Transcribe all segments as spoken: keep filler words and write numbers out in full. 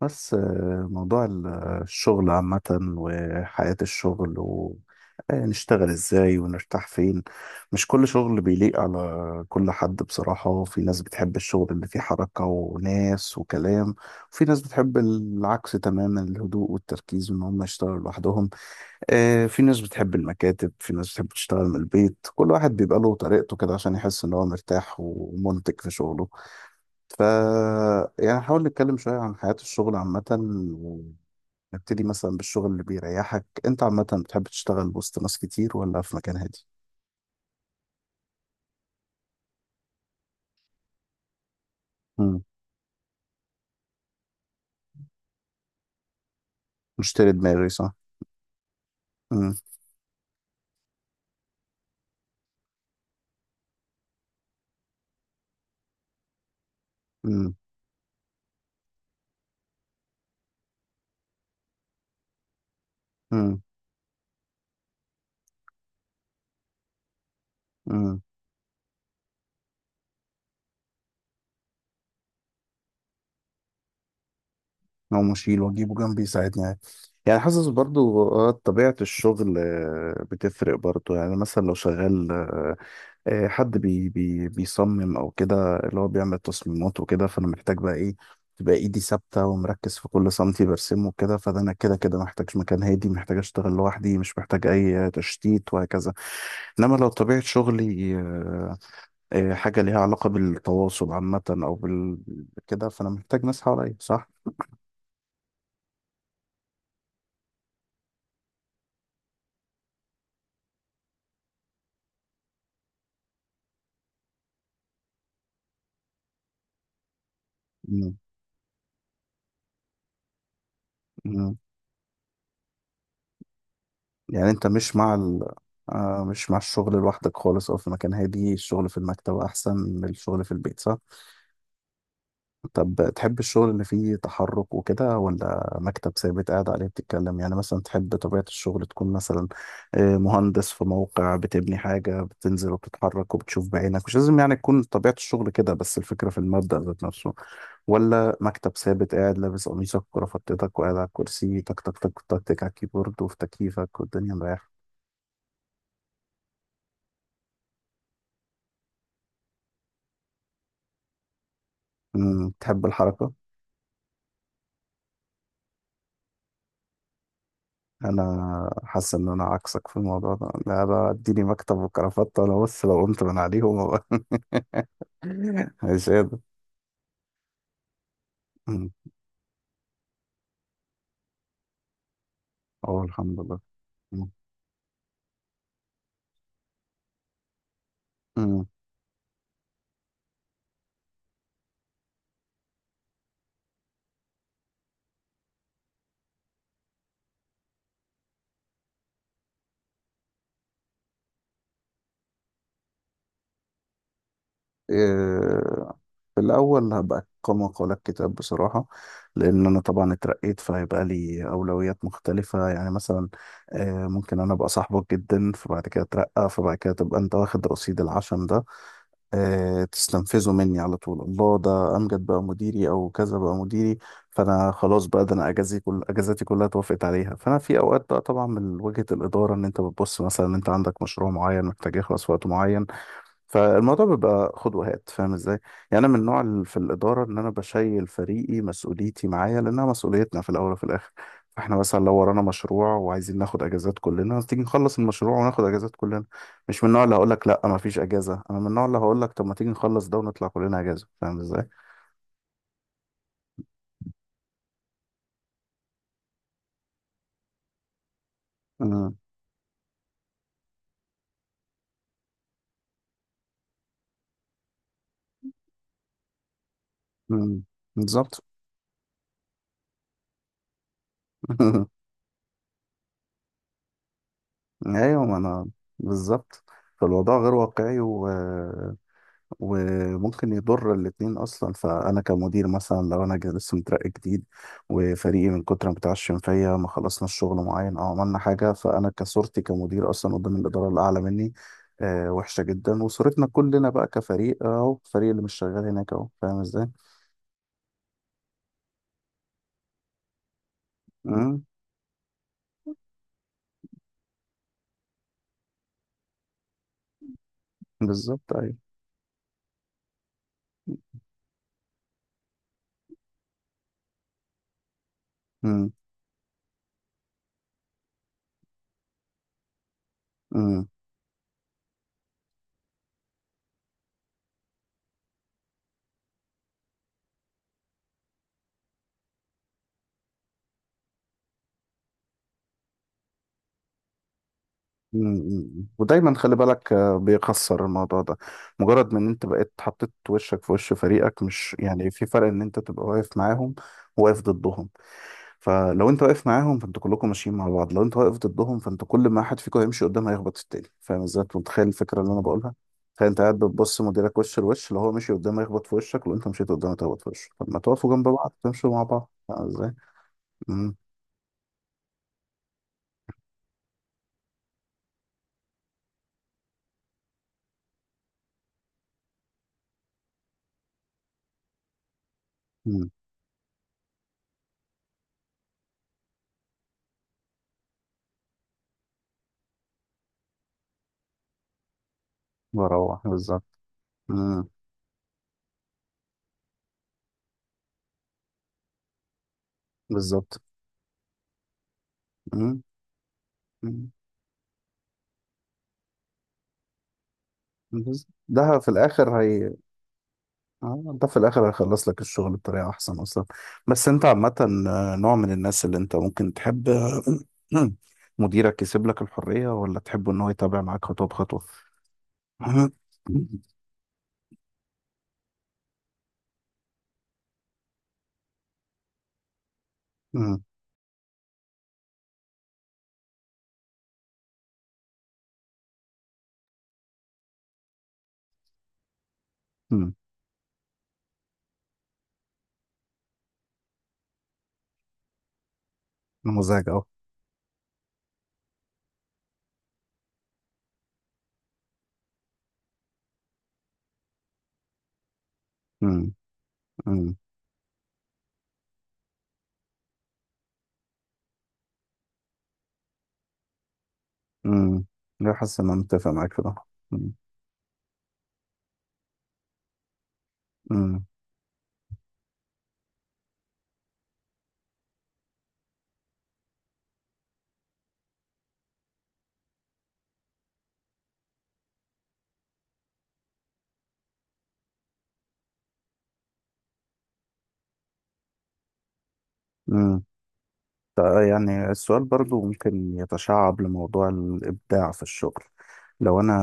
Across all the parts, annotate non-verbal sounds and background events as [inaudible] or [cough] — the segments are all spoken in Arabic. بس آه، موضوع ال- الشغل عامة، وحياة الشغل ونشتغل ازاي ونرتاح فين. مش كل شغل بيليق على كل حد بصراحة، وفي ناس بتحب الشغل اللي فيه حركة وناس وكلام. وفي ناس بتحب العكس تماما، الهدوء والتركيز وان هم يشتغلوا لوحدهم. آه، في ناس بتحب المكاتب، في ناس بتحب تشتغل من البيت، كل واحد بيبقى له طريقته كده عشان يحس ان هو مرتاح ومنتج في شغله. ف يعني نحاول نتكلم شوية عن حياة الشغل عامة، ونبتدي مثلا بالشغل اللي بيريحك. انت عامة بتحب تشتغل وسط ناس كتير ولا في مكان هادي؟ مم. مشتري دماغي، صح؟ مم. مم. مم. مم. لو مشيل واجيبه جنبي يساعدني يعني. يعني حاسس برضو آه، طبيعة الشغل آه، بتفرق برضو، يعني مثلا لو شغال آه، آه، حد بي بي بيصمم او كده، اللي هو بيعمل تصميمات وكده، فانا محتاج بقى ايه؟ تبقى ايدي ثابته ومركز في كل سنتي برسمه وكده، فده انا كده كده محتاج مكان هادي، محتاج اشتغل لوحدي، مش محتاج اي تشتيت، وهكذا. انما لو طبيعه شغلي آه، آه، حاجه ليها علاقه بالتواصل عامه او بال كده، فانا محتاج ناس حواليا، صح. مم. مم. يعني انت مش مع ال... آه، مش مع الشغل لوحدك خالص، او في مكان هادي، الشغل في المكتب احسن من الشغل في البيت، صح. طب تحب الشغل اللي فيه تحرك وكده، ولا مكتب ثابت قاعد عليه؟ بتتكلم يعني مثلا تحب طبيعة الشغل تكون مثلا آه، مهندس في موقع بتبني حاجة، بتنزل وبتتحرك وبتشوف بعينك. مش لازم يعني تكون طبيعة الشغل كده، بس الفكرة في المبدأ ذات نفسه. ولا مكتب ثابت قاعد لابس قميصك وكرافتتك، وقاعد على الكرسي تك تك تك تك تك على الكيبورد، وفي تكييفك والدنيا مريحة. أمم، تحب الحركة. انا حاسس ان انا عكسك في الموضوع ده. لا بقى، اديني مكتب وكرافته انا، بص لو قمت من عليهم [laughs] عزازة. أمم. اه، الحمد لله. أمم. أمم. إيه. في الأول هبقى كما قال الكتاب بصراحة. لأن أنا طبعا اترقيت، فهيبقى لي أولويات مختلفة. يعني مثلا آه، ممكن أنا أبقى صاحبك جدا، فبعد كده أترقى، فبعد كده تبقى أنت واخد رصيد العشم ده، آه، تستنفذه مني على طول. الله، ده امجد بقى مديري او كذا بقى مديري، فانا خلاص، بقى ده انا اجازي كل اجازاتي كلها توافقت عليها. فانا في اوقات بقى طبعا من وجهة الاداره، ان انت بتبص مثلا ان انت عندك مشروع معين محتاج يخلص في وقت معين، فالموضوع بيبقى خد وهات، فاهم ازاي؟ يعني انا من النوع اللي في الاداره ان انا بشيل فريقي، مسؤوليتي معايا، لانها مسؤوليتنا في الاول وفي الاخر. فاحنا مثلا لو ورانا مشروع وعايزين ناخد اجازات كلنا، تيجي نخلص المشروع وناخد اجازات كلنا. مش من النوع اللي هقول لك لا، ما فيش اجازه. انا من النوع اللي هقول لك طب ما تيجي نخلص ده ونطلع كلنا اجازه، فاهم ازاي؟ مم. مم. بالظبط. [laughs] ايوه، ما انا بالظبط. فالوضع غير واقعي، و وممكن يضر الاتنين اصلا. فانا كمدير مثلا لو انا جا- لسه مترقي جديد، وفريقي من كتر ما بيتعشم فيا، ما خلصنا الشغل معين او عملنا حاجه، فانا كصورتي كمدير اصلا قدام الاداره الاعلى مني آه وحشه جدا، وصورتنا كلنا بقى كفريق اهو، الفريق اللي مش شغال هناك اهو، فاهم ازاي؟ امم. بالظبط، ايوه. امم. مم. مم. ودايما خلي بالك، آه، بيخسر الموضوع ده مجرد من ان انت بقيت حطيت وشك في وش فريقك. مش يعني في فرق ان انت تبقى واقف معاهم، وواقف ضدهم. فلو انت واقف معاهم، فانتوا كلكم ماشيين مع بعض. لو انت واقف ضدهم، فانت كل ما حد فيكم هيمشي قدام هيخبط في التاني، فاهم ازاي؟ انت متخيل الفكره اللي انا بقولها. تخيل انت قاعد بتبص مديرك وش لوش، لو هو مشي قدام هيخبط في وشك، لو انت مشيت قدام هتخبط في وشك. طب ما تقفوا جنب بعض تمشوا مع بعض، فاهم ازاي؟ امم. بروح، بالظبط. امم. بالظبط. امم. بس- ده في الاخر هي آه، ده في الاخر هيخلص لك الشغل بطريقه احسن اصلا. بس انت عامه آه، نوع من الناس اللي انت ممكن تحب آه، [clears throat] مديرك يسيب لك الحريه ولا تحب ان هو يتابع معاك خطوه بخطوه؟ [clears throat] مم. مم. مم. نموذج اهو. مم. مم. مم. لا، حاسس ان انا متفق معاك في ده. مم. مم. ف- يعني السؤال برضو ممكن يتشعب لموضوع الإبداع في الشغل. لو أنا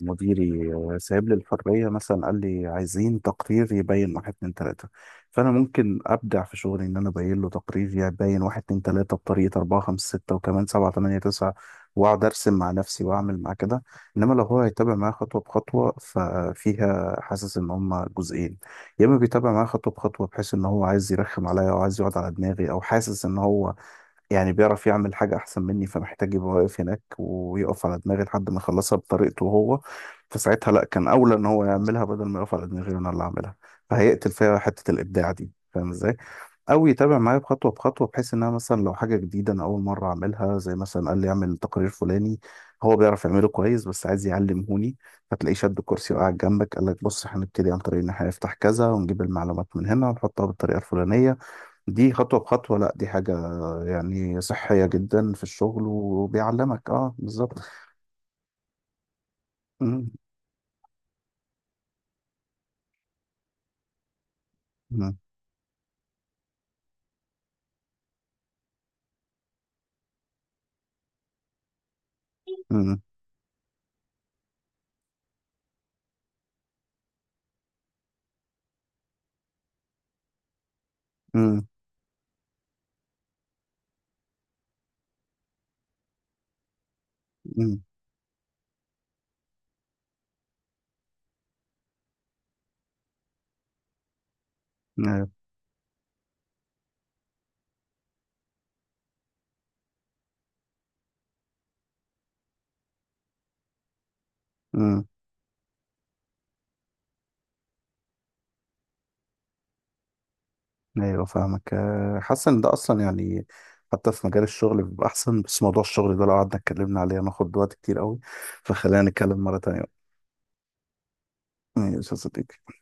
مديري سايب لي الحرية، مثلا قال لي عايزين تقرير يبين واحد اتنين تلاتة، فأنا ممكن أبدع في شغلي إن أنا أبين له تقرير يبين واحد اتنين تلاتة بطريقة أربعة خمسة ستة وكمان سبعة تمانية تسعة. وأقعد أرسم مع نفسي وأعمل مع كده. إنما لو هو هيتابع معايا خطوة بخطوة، ففيها حاسس إن هما جزئين. يا اما بيتابع معايا خطوه بخطوه بحيث ان هو عايز يرخم عليا، او عايز يقعد على دماغي، او حاسس ان هو يعني بيعرف يعمل حاجة أحسن مني، فمحتاج يبقى واقف هناك ويقف على دماغي لحد ما يخلصها بطريقته هو. فساعتها لأ، كان أولى إن هو يعملها بدل ما يقف على دماغي وأنا اللي أعملها. فهيقتل فيها حتة الإبداع دي، فاهم إزاي؟ أو يتابع معايا بخطوة بخطوة بحيث إن أنا مثلا لو حاجة جديدة أنا أول مرة أعملها، زي مثلا قال لي أعمل تقرير فلاني، هو بيعرف يعمله كويس بس عايز يعلمهوني. فتلاقيه شد الكرسي وقعد جنبك قال لك بص هنبتدي عن طريق إن إحنا نفتح كذا ونجيب المعلومات من هنا ونحطها بالطريقة الفلانية. دي خطوة بخطوة، لا دي حاجة يعني صحية جدا في الشغل وبيعلمك. اه، بالظبط. مم. مم. مم. مم. مم. ايوه. مم. أيوة، فاهمك. آه، حاسس ان ده اصلا يعني حتى في مجال الشغل بيبقى احسن. بس موضوع الشغل ده لو قعدنا اتكلمنا عليه هناخد وقت كتير قوي، فخلينا نتكلم مرة تانية. ماشي يا صديقي.